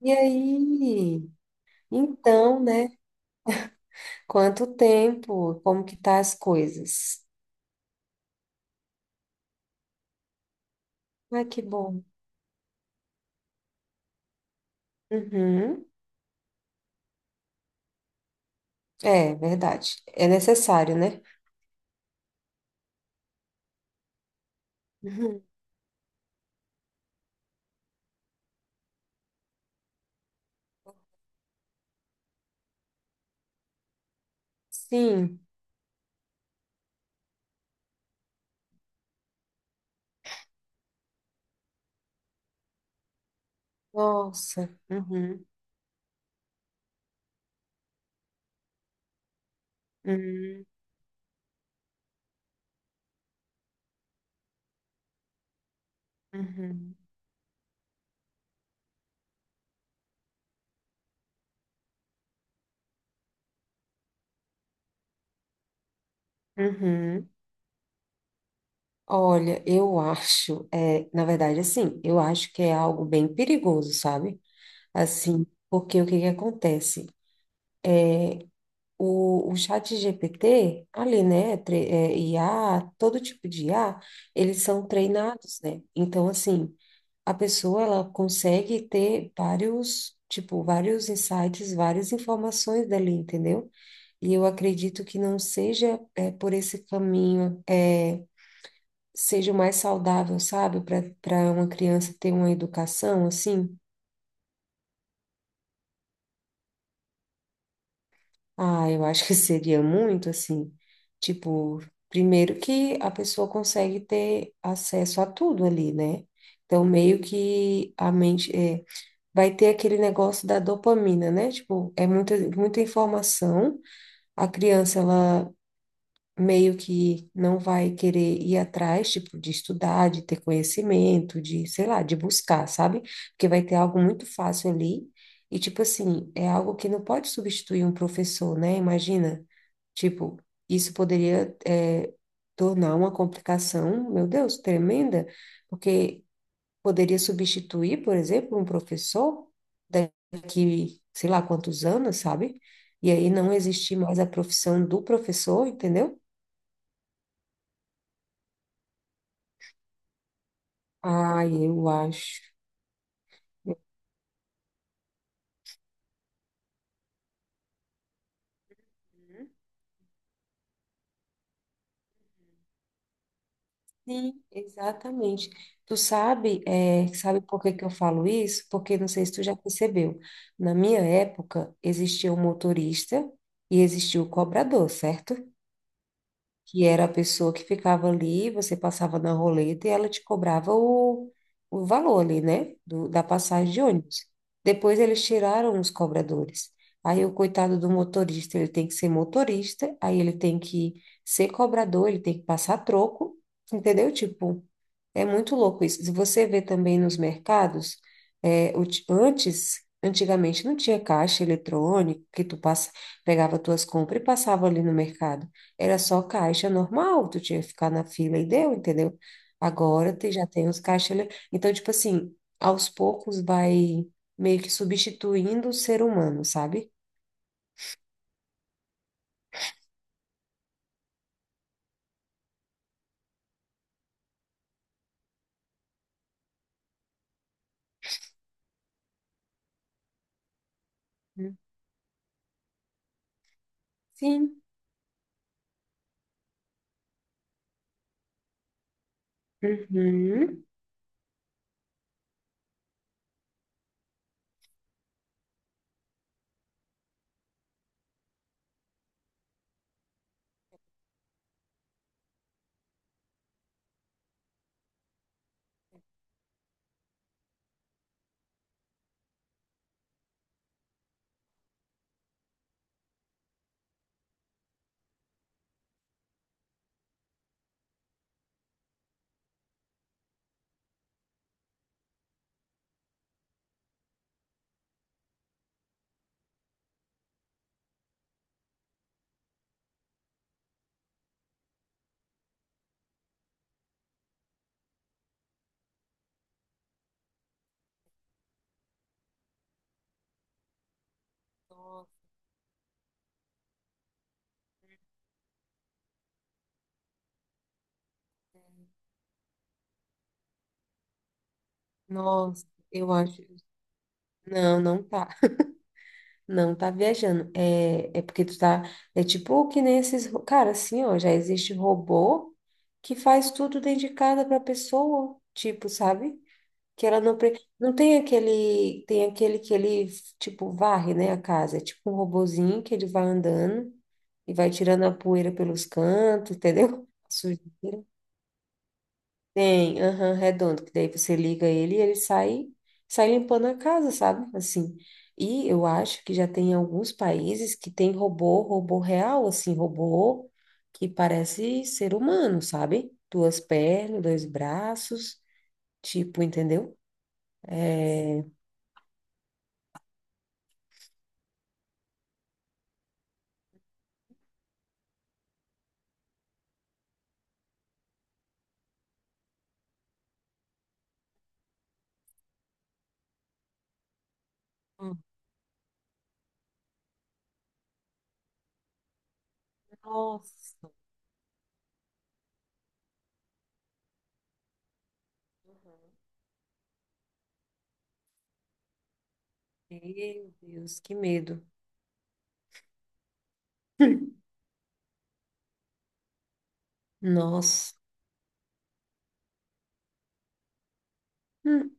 E aí? Então, né? Quanto tempo? Como que tá as coisas? Ai, que bom. Uhum. Verdade. É necessário, né? Uhum. Sim. Nossa. Uhum. Uhum. Uhum. Uhum. Olha, eu acho, na verdade, assim, eu acho que é algo bem perigoso, sabe? Assim, porque o que que acontece? O chat GPT, ali, né, IA, todo tipo de IA, eles são treinados, né? Então, assim, a pessoa, ela consegue ter vários, tipo, vários insights, várias informações dali, entendeu? E eu acredito que não seja, é, por esse caminho, é, seja o mais saudável, sabe, para uma criança ter uma educação, assim. Ah, eu acho que seria muito assim, tipo, primeiro que a pessoa consegue ter acesso a tudo ali, né? Então, meio que a mente é, vai ter aquele negócio da dopamina, né? Tipo, é muita, muita informação. A criança, ela meio que não vai querer ir atrás, tipo, de estudar, de ter conhecimento, de, sei lá, de buscar, sabe? Porque vai ter algo muito fácil ali. E, tipo assim, é algo que não pode substituir um professor, né? Imagina, tipo, isso poderia, é, tornar uma complicação, meu Deus, tremenda, porque poderia substituir, por exemplo, um professor daqui, sei lá, quantos anos, sabe? E aí não existir mais a profissão do professor, entendeu? Ah, eu acho. Uhum. Sim, exatamente. Tu sabe, é, sabe por que que eu falo isso? Porque não sei se tu já percebeu. Na minha época, existia o motorista e existia o cobrador, certo? Que era a pessoa que ficava ali, você passava na roleta e ela te cobrava o valor ali, né? Da passagem de ônibus. Depois eles tiraram os cobradores. Aí o coitado do motorista, ele tem que ser motorista, aí ele tem que ser cobrador, ele tem que passar troco, entendeu? Tipo, é muito louco isso. Se você vê também nos mercados, o antes, antigamente não tinha caixa eletrônico que tu passa, pegava tuas compras e passava ali no mercado. Era só caixa normal, tu tinha que ficar na fila e deu, entendeu? Agora te já tem os caixas. Então, tipo assim, aos poucos vai meio que substituindo o ser humano, sabe? Hum. Sim. Uhum. Nossa, eu acho. Não, não tá. Não tá viajando. É, é porque tu tá. É tipo que nem esses. Cara, assim, ó, já existe robô que faz tudo dentro de casa pra pessoa, tipo, sabe? Que ela não. Não tem aquele. Tem aquele que ele, tipo, varre, né, a casa. É tipo um robozinho que ele vai andando e vai tirando a poeira pelos cantos, entendeu? Sujeira. Tem, aham, redondo, que daí você liga ele e ele sai, sai limpando a casa, sabe? Assim. E eu acho que já tem alguns países que tem robô, robô real, assim, robô que parece ser humano, sabe? Duas pernas, dois braços, tipo, entendeu? É... Hum. Nossa, meu Deus, que medo. Nossa. Hum.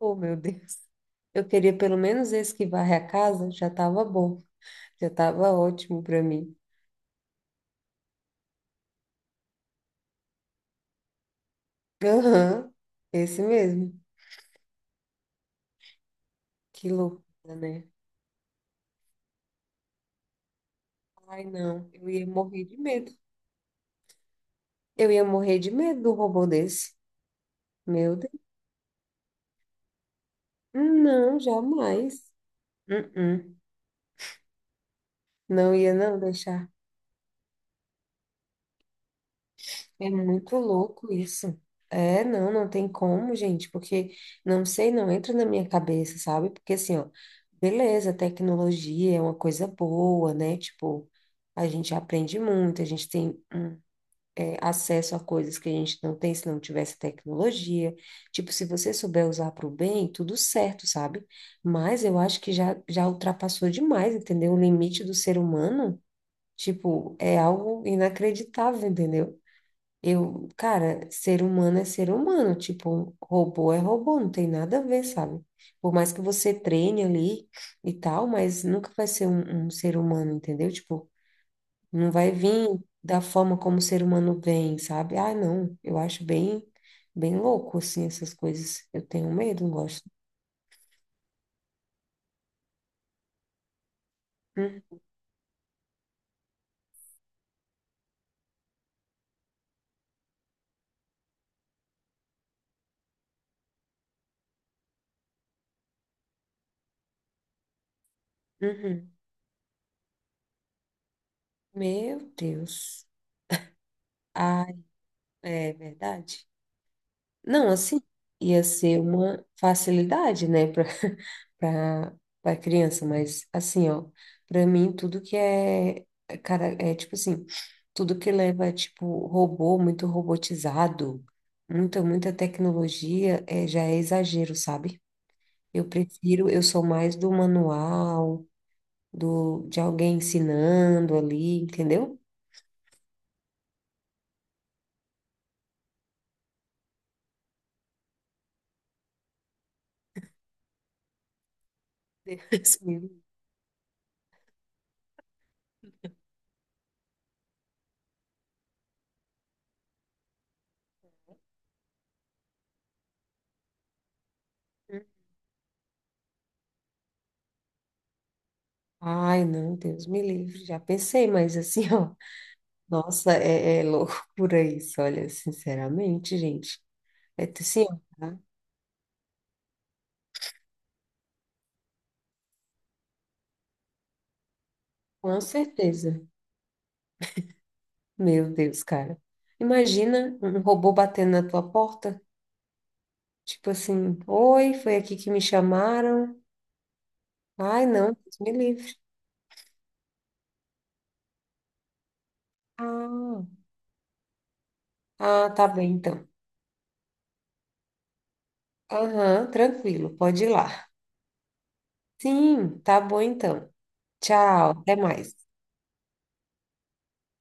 Oh, meu Deus. Eu queria pelo menos esse que varre a casa, já tava bom, já tava ótimo para mim. Aham, esse mesmo. Que loucura, né? Ai, não, eu ia morrer de medo. Eu ia morrer de medo do robô desse. Meu Deus. Não, jamais. Uh-uh. Não ia não deixar. É muito louco isso. É, não, não tem como, gente, porque não sei, não entra na minha cabeça, sabe? Porque assim, ó, beleza, tecnologia é uma coisa boa, né? Tipo, a gente aprende muito, a gente tem um acesso a coisas que a gente não tem se não tivesse tecnologia. Tipo, se você souber usar para o bem, tudo certo, sabe? Mas eu acho que já ultrapassou demais, entendeu? O limite do ser humano, tipo, é algo inacreditável, entendeu? Eu, cara, ser humano é ser humano, tipo, robô é robô, não tem nada a ver, sabe? Por mais que você treine ali e tal, mas nunca vai ser um ser humano, entendeu? Tipo, não vai vir da forma como o ser humano vem, sabe? Ah, não, eu acho bem, bem louco, assim, essas coisas. Eu tenho medo, não gosto. Hum, uhum. Meu Deus. Ah, é verdade. Não, assim, ia ser uma facilidade, né, para para criança, mas assim, ó, para mim tudo que é, é, cara, é tipo assim, tudo que leva tipo robô, muito robotizado, muita tecnologia, é, já é exagero, sabe? Eu prefiro, eu sou mais do manual, do de alguém ensinando ali, entendeu? Deus me livre. Ai, não, Deus me livre. Já pensei, mas assim, ó, nossa, é, é loucura isso, olha, sinceramente, gente. Sim, tá? Com certeza. Meu Deus, cara. Imagina um robô batendo na tua porta, tipo assim, oi, foi aqui que me chamaram. Ai, não, Deus me livre. Ah, ah, tá bem então. Aham, tranquilo, pode ir lá. Sim, tá bom então. Tchau, até mais.